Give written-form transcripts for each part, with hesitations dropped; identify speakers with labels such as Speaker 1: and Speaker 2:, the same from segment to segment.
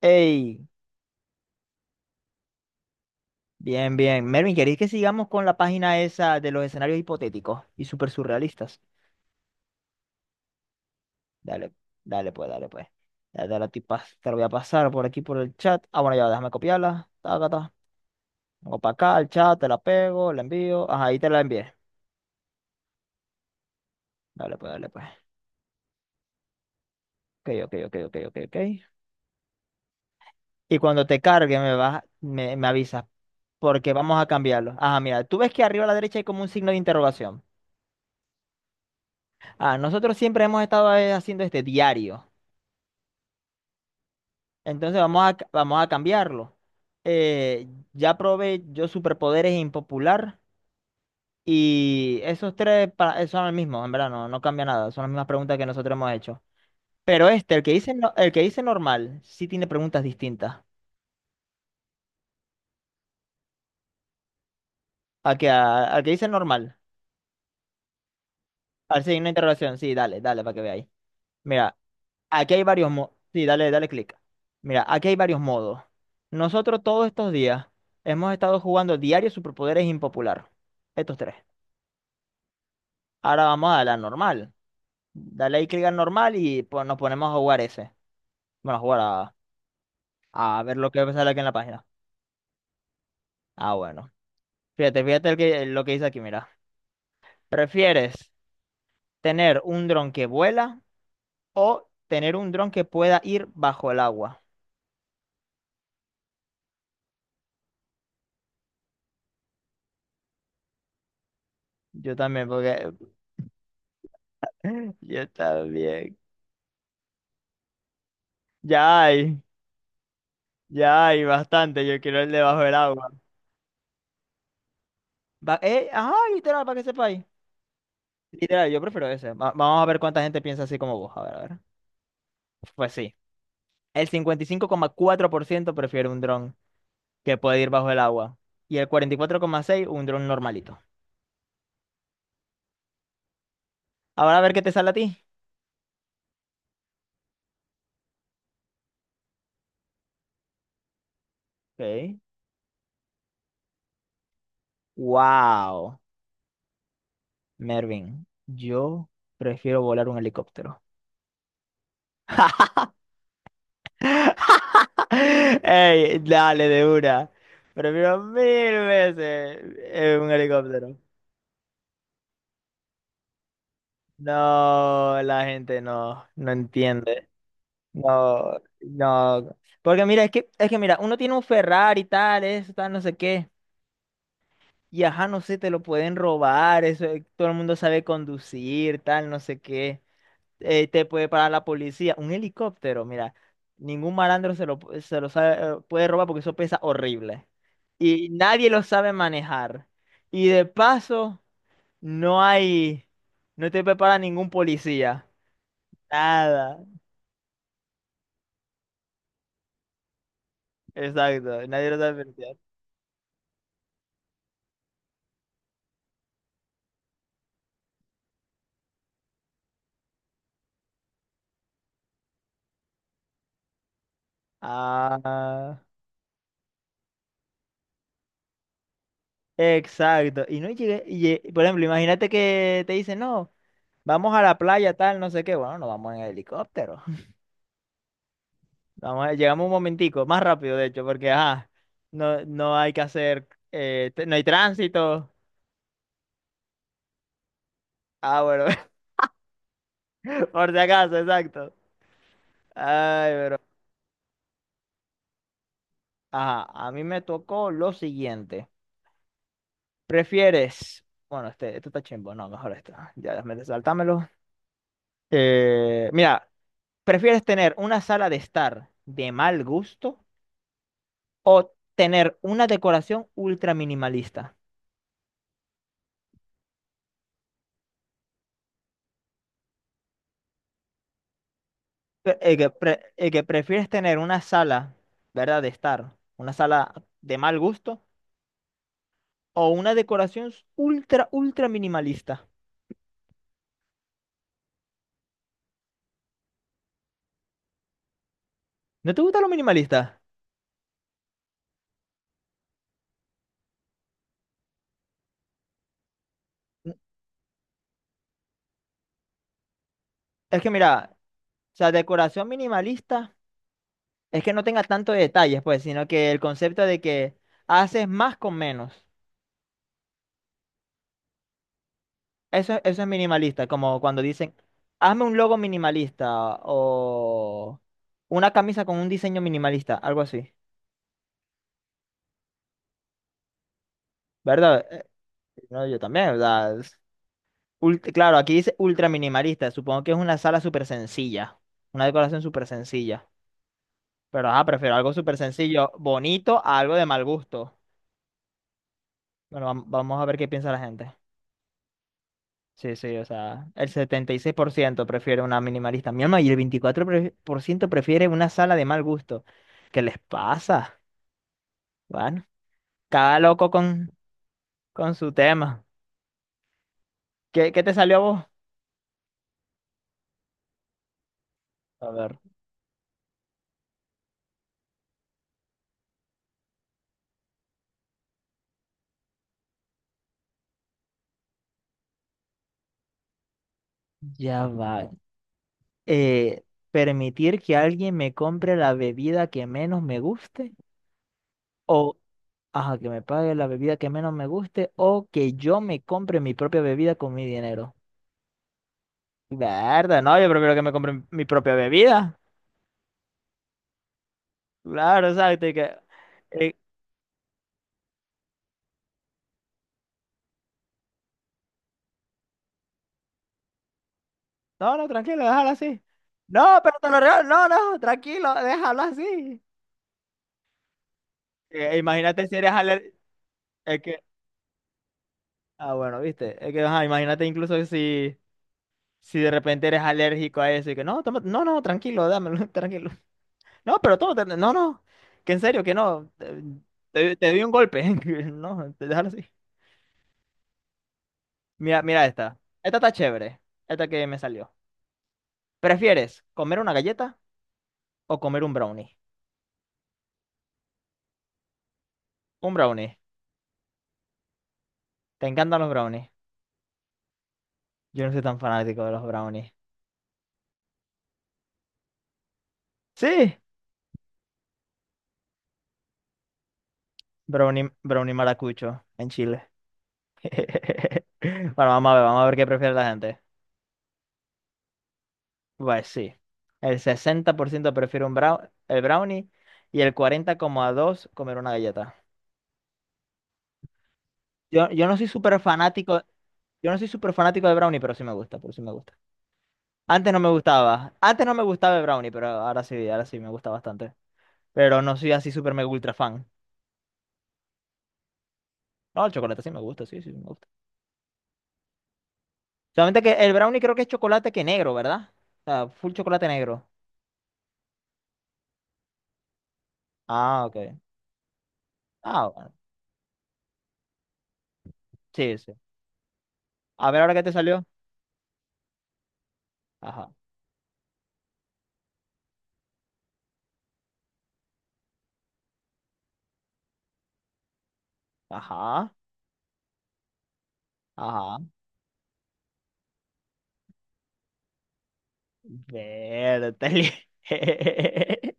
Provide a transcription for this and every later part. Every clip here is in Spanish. Speaker 1: Hey, bien, bien. Mervin, ¿queréis que sigamos con la página esa de los escenarios hipotéticos y súper surrealistas? Dale, dale pues, dale pues. Ya te la, te la voy a pasar por aquí por el chat. Ah, bueno, ya, déjame copiarla. Taca, ta. Vengo para acá, al chat, te la pego, la envío. Ajá, ahí te la envié. Dale pues, dale pues. Ok, ok, ok, ok, ok, ok. Y cuando te cargue me avisas, porque vamos a cambiarlo. Ajá, mira, tú ves que arriba a la derecha hay como un signo de interrogación. Ah, nosotros siempre hemos estado haciendo este diario. Entonces vamos a cambiarlo. Ya probé yo superpoderes impopular y esos tres para, son los mismos, en verdad, no, no cambia nada, son las mismas preguntas que nosotros hemos hecho. Pero este, el que dice, no- el que dice normal, sí tiene preguntas distintas. Al que dice normal, a ver si hay una interrogación, sí, dale, dale, para que veáis. Mira, aquí hay varios modos, sí, dale, dale clic. Mira, aquí hay varios modos. Nosotros todos estos días hemos estado jugando diario superpoderes impopular, estos tres. Ahora vamos a la normal. Dale ahí clic al normal y pues, nos ponemos a jugar ese. Bueno, a ver lo que sale aquí en la página. Ah, bueno. Fíjate, lo que dice aquí, mira. ¿Prefieres tener un dron que vuela o tener un dron que pueda ir bajo el agua? Yo también, porque yo también. Ya hay, ya hay bastante. Yo quiero el de bajo el agua. Ajá, literal, para que sepáis. Literal, yo prefiero ese. Vamos a ver cuánta gente piensa así como vos. A ver, a ver. Pues sí. El 55,4% prefiere un dron que puede ir bajo el agua. Y el 44,6% un dron normalito. Ahora a ver qué te sale a ti. Ok. Wow. Mervin, yo prefiero volar un helicóptero. Ey, dale de una. Prefiero 1000 veces un helicóptero. No, la gente no, no entiende. No, no. Porque mira, es que mira, uno tiene un Ferrari y tal, eso, tal, no sé qué. Y ajá, no sé, te lo pueden robar, eso, todo el mundo sabe conducir, tal, no sé qué. Te puede parar la policía. Un helicóptero, mira, ningún malandro se lo, pu- se lo sabe, puede robar porque eso pesa horrible. Y nadie lo sabe manejar. Y de paso, no hay, no te prepara ningún policía. Nada. Exacto, nadie lo sabe pelear. Ah, exacto. Y no llegué, y, lle- por ejemplo, imagínate que te dicen, no. Vamos a la playa, tal, no sé qué. Bueno, nos vamos en helicóptero. Llegamos un momentico, más rápido de hecho, porque ajá, no, no hay que hacer, t- no hay tránsito. Ah, bueno, por si acaso, exacto. Ay, pero, ajá, a mí me tocó lo siguiente. ¿Prefieres? Bueno, este, esto está chimbo, no, mejor esto. Sáltamelo. Mira, ¿prefieres tener una sala de estar de mal gusto o tener una decoración ultra minimalista? El que prefieres tener una sala, ¿verdad? De estar, una sala de mal gusto o una decoración ultra minimalista. ¿No te gusta lo minimalista? N- Es que mira, o sea, decoración minimalista es que no tenga tanto detalles, pues, sino que el concepto de que haces más con menos. Eso es minimalista, como cuando dicen, hazme un logo minimalista o una camisa con un diseño minimalista, algo así, ¿verdad? No, yo también, ¿verdad? Claro, aquí dice ultra minimalista. Supongo que es una sala súper sencilla. Una decoración súper sencilla. Pero ajá, prefiero algo súper sencillo, bonito, a algo de mal gusto. Bueno, vamos a ver qué piensa la gente. Sí, sí, o sea, el 76% prefiere una minimalista. Mi alma, y el 24% prefiere una sala de mal gusto. ¿Qué les pasa? Bueno, cada loco con, con su tema. ¿Qué, qué te salió a vos? A ver. Ya va. eh, permitir que alguien me compre la bebida que menos me guste o ajá, que me pague la bebida que menos me guste o que yo me compre mi propia bebida con mi dinero. Verdad, no, yo prefiero que me compre mi propia bebida. Claro, exacto. Eh, no, no, tranquilo, déjalo así. No, pero te lo regalo. No, no, tranquilo, déjalo así. Imagínate si eres alérgico. Es que, bueno, viste. Es que, ajá, imagínate incluso si, si de repente eres alérgico a eso y que, no, no, tranquilo, dámelo, tranquilo. No, no, que en serio, que no. Te di un golpe. No, te- déjalo así. Mira, mira esta. Esta está chévere. Esta que me salió. ¿Prefieres comer una galleta o comer un brownie? Un brownie. ¿Te encantan los brownies? Yo no soy tan fanático de los brownies. Sí, brownie, brownie maracucho en Chile. Bueno, vamos a ver qué prefiere la gente. Pues sí, el 60% prefiere un brownie, el brownie y el 40,2% comer una galleta. Yo no soy súper fanático, yo no soy súper fanático de Brownie, pero sí me gusta, pero sí me gusta. Antes no me gustaba, antes no me gustaba el Brownie, pero ahora sí me gusta bastante. Pero no soy así súper mega ultra fan. No, el chocolate sí me gusta, sí, sí me gusta. Solamente que el Brownie creo que es chocolate que negro, ¿verdad? O sea, full chocolate negro. Ah, ok. Ah, bueno. Sí, sí. A ver ahora qué te salió. Ajá, ajá, ajá. Verde.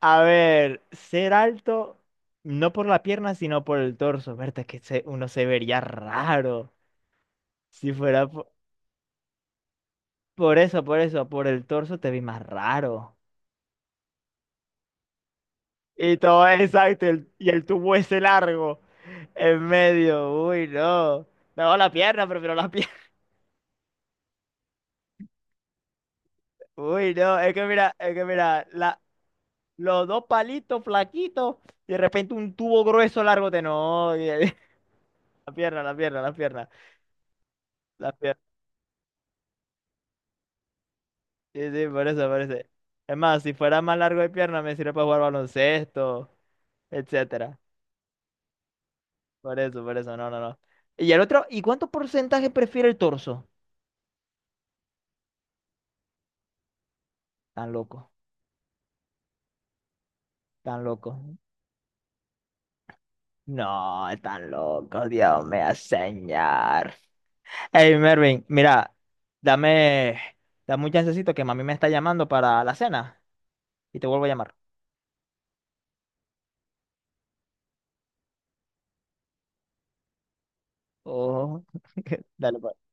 Speaker 1: A ver, ser alto, no por la pierna, sino por el torso. Uno se vería raro. Si fuera po- por, eso, por eso, por el torso te vi más raro. Y todo exacto, y el tubo ese largo en medio. Uy, no. No, la pierna, prefiero la pierna. Uy, no, es que mira, la, los dos palitos flaquitos y de repente un tubo grueso largo de no. La pierna, la pierna, la pierna. La pierna. Sí, sí, por eso, por eso. Es más, si fuera más largo de pierna, me sirve para jugar baloncesto, etcétera. Por eso, no, no, no. Y el otro, ¿y cuánto porcentaje prefiere el torso? Tan loco, tan loco. No, tan loco, Dios mío, señor. Hey, Mervin, mira, dame, dame un chancecito que mami me está llamando para la cena y te vuelvo a llamar. Oh, dale, pues.